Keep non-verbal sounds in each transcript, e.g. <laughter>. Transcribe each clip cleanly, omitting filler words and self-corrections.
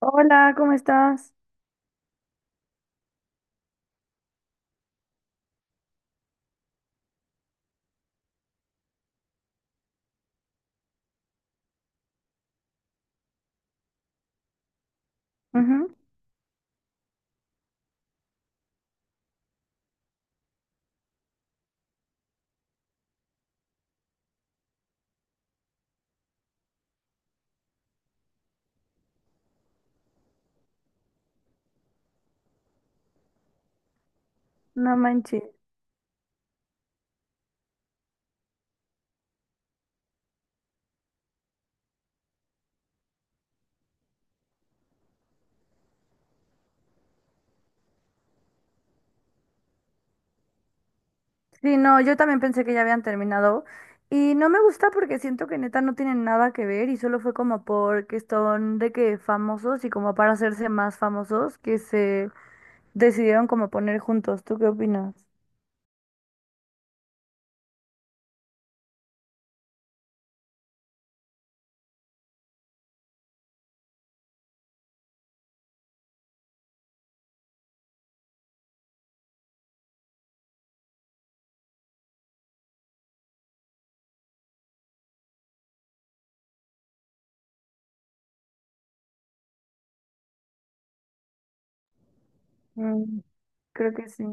Hola, ¿cómo estás? Ujú. No manches. Sí, no, yo también pensé que ya habían terminado. Y no me gusta porque siento que neta no tienen nada que ver y solo fue como porque son de que famosos y como para hacerse más famosos que se decidieron como poner juntos. ¿Tú qué opinas? Mm, creo que sí.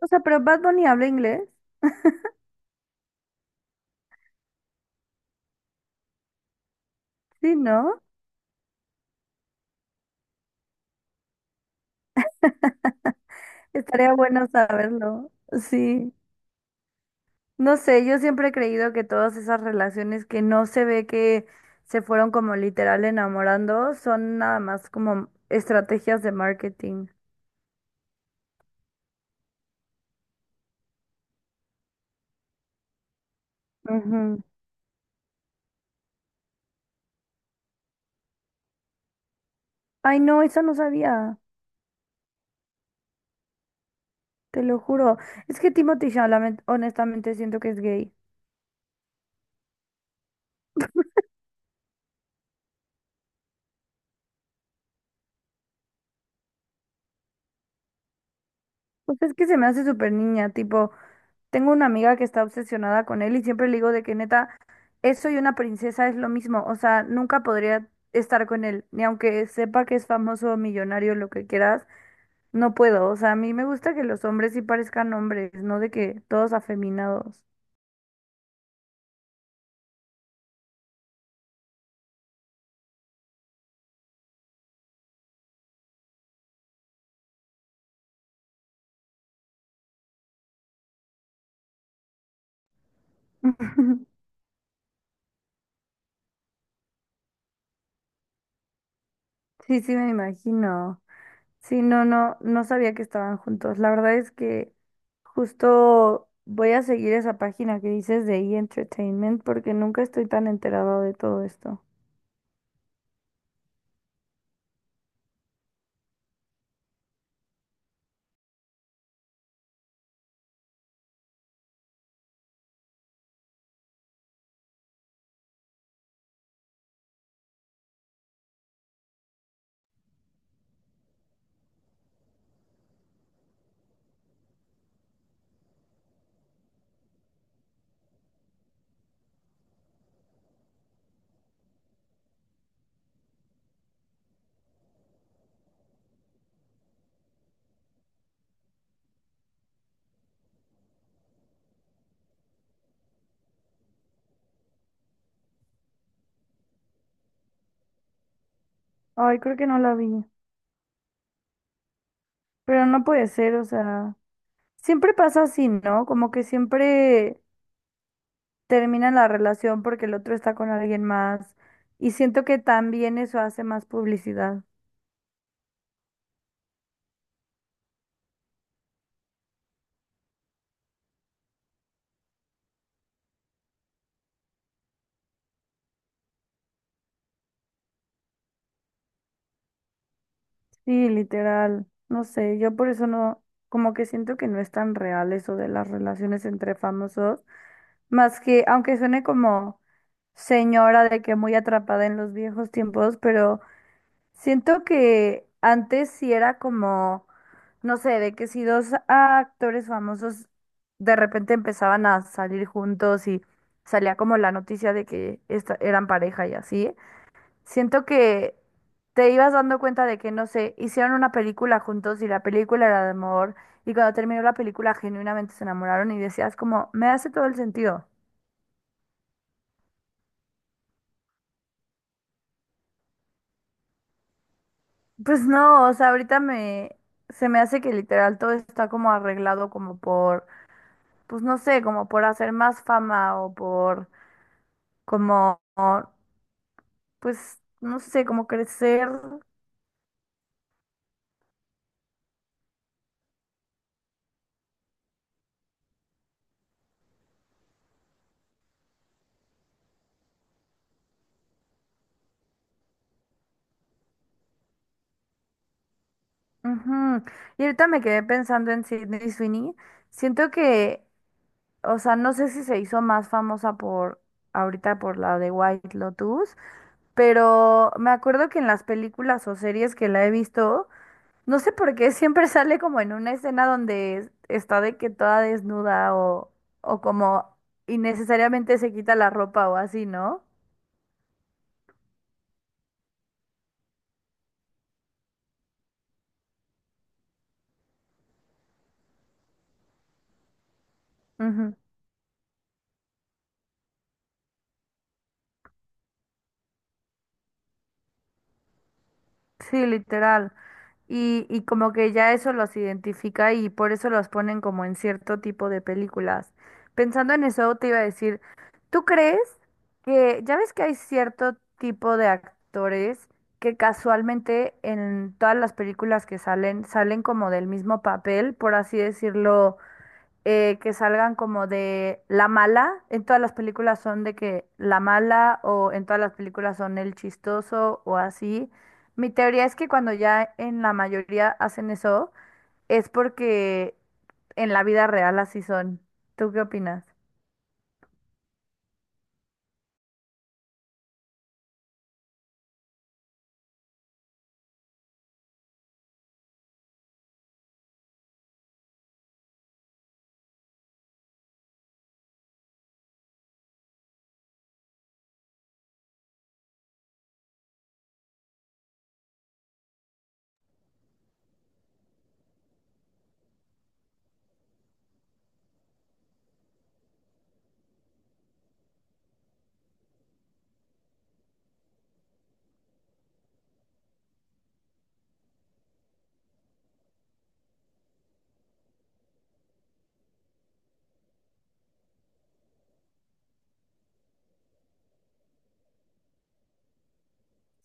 O sea, pero Bad Bunny habla inglés. Sí, ¿no? Estaría bueno saberlo. Sí. No sé, yo siempre he creído que todas esas relaciones que no se ve que se fueron como literal enamorando son nada más como estrategias de marketing. Ujú. Ay, no, eso no sabía, te lo juro. Es que Timothy Chalamet, honestamente, siento que es gay. Pues es que se me hace súper niña, tipo, tengo una amiga que está obsesionada con él y siempre le digo de que neta, eso y una princesa es lo mismo, o sea, nunca podría estar con él, ni aunque sepa que es famoso, millonario, lo que quieras. No puedo, o sea, a mí me gusta que los hombres sí parezcan hombres, no de que todos afeminados. <laughs> Sí, sí, me imagino. Sí, no, no, no sabía que estaban juntos. La verdad es que justo voy a seguir esa página que dices de E! Entertainment porque nunca estoy tan enterado de todo esto. Ay, creo que no la vi. Pero no puede ser, o sea, siempre pasa así, ¿no? Como que siempre terminan la relación porque el otro está con alguien más. Y siento que también eso hace más publicidad. Sí, literal. No sé, yo por eso no, como que siento que no es tan real eso de las relaciones entre famosos, más que, aunque suene como señora de que muy atrapada en los viejos tiempos, pero... Siento que antes sí era como, no sé, de que si dos actores famosos de repente empezaban a salir juntos y salía como la noticia de que eran pareja y así, siento que te ibas dando cuenta de que, no sé, hicieron una película juntos y la película era de amor y cuando terminó la película genuinamente se enamoraron y decías como, me hace todo el sentido. Pues no, o sea, se me hace que literal todo está como arreglado como por pues no sé, como por hacer más fama o por como, pues no sé, como crecer. Ujú. Y ahorita me quedé pensando en Sydney Sweeney. Siento que, o sea, no sé si se hizo más famosa por ahorita por la de White Lotus, pero me acuerdo que en las películas o series que la he visto, no sé por qué <laughs> siempre sale como en una escena donde está de que toda desnuda o como innecesariamente se quita la ropa o así, ¿no? Ujú. Sí, literal. Y como que ya eso los identifica y por eso los ponen como en cierto tipo de películas. Pensando en eso, te iba a decir, ¿tú crees que ya ves que hay cierto tipo de actores que casualmente en todas las películas que salen salen como del mismo papel, por así decirlo? Eh, que salgan como de la mala, en todas las películas son de que la mala o en todas las películas son el chistoso o así. Mi teoría es que cuando ya en la mayoría hacen eso, es porque en la vida real así son. ¿Tú qué opinas?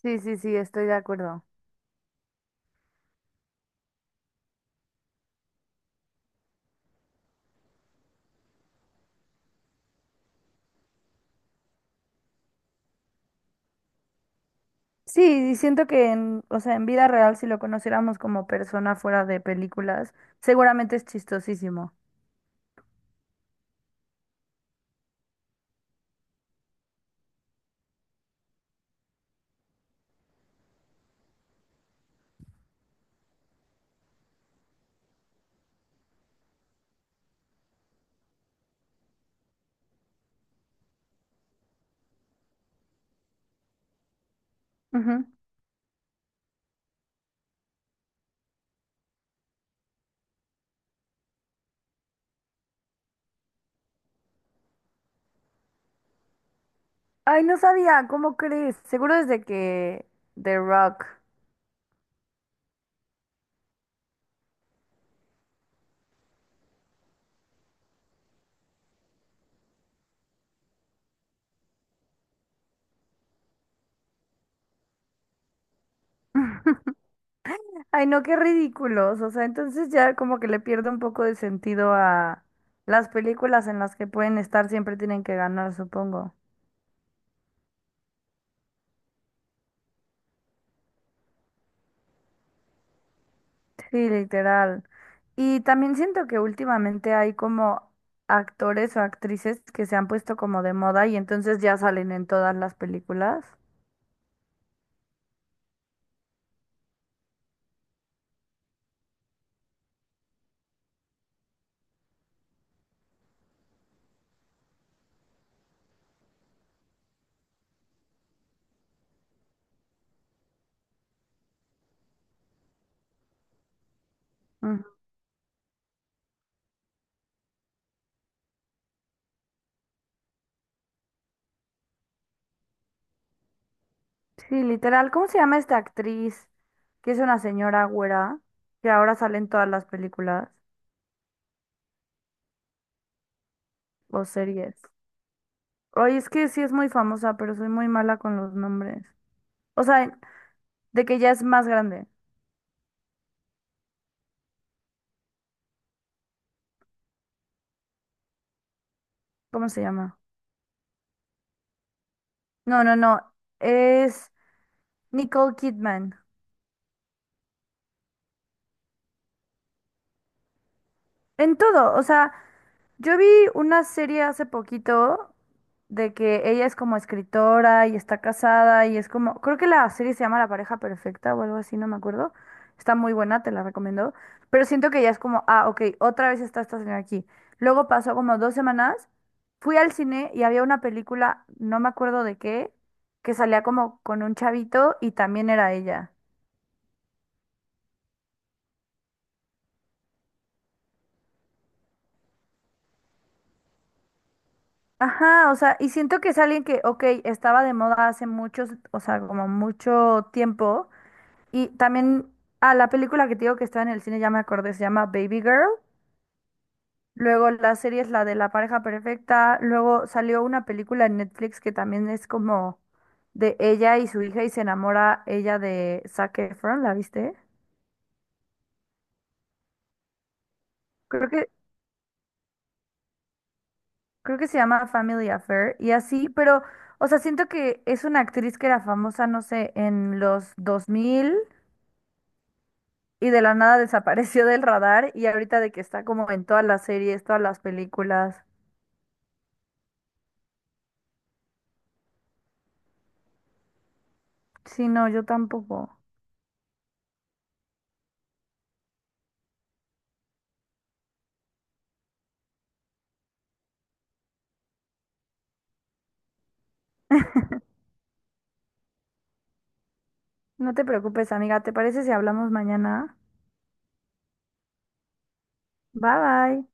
Sí, sí, sí, estoy de acuerdo. Sí, y siento que en, o sea, en vida real, si lo conociéramos como persona fuera de películas, seguramente es chistosísimo. Ujú. Ay, no sabía, ¿cómo crees? Seguro desde que The Rock. Ay, no, qué ridículos. O sea, entonces ya como que le pierdo un poco de sentido a las películas en las que pueden estar, siempre tienen que ganar, supongo. Sí, literal. Y también siento que últimamente hay como actores o actrices que se han puesto como de moda y entonces ya salen en todas las películas. Ujú. Sí, literal. ¿Cómo se llama esta actriz? Que es una señora güera, que ahora sale en todas las películas. O series. Oye, es que sí es muy famosa, pero soy muy mala con los nombres. O sea, de que ya es más grande. ¿Cómo se llama? No, no, no. Es Nicole Kidman. En todo, o sea, yo vi una serie hace poquito de que ella es como escritora y está casada y es como, creo que la serie se llama La pareja perfecta o algo así, no me acuerdo. Está muy buena, te la recomiendo. Pero siento que ya es como, ah, ok, otra vez está esta señora aquí. Luego pasó como 2 semanas, fui al cine y había una película, no me acuerdo de qué, que salía como con un chavito y también era ella. Ajá, o sea, y siento que es alguien que, ok, estaba de moda hace muchos, o sea, como mucho tiempo. Y también, ah, la película que te digo que está en el cine, ya me acordé, se llama Baby Girl. Luego la serie es la de La pareja perfecta. Luego salió una película en Netflix que también es como de ella y su hija y se enamora ella de Zac Efron, ¿la viste? Creo que, creo que se llama Family Affair y así, pero, o sea, siento que es una actriz que era famosa, no sé, en los 2000 y de la nada <laughs> desapareció del radar y ahorita de que está como en todas las series, todas las películas. Sí, no, yo tampoco. No te preocupes, amiga. ¿Te parece si hablamos mañana? Bye bye.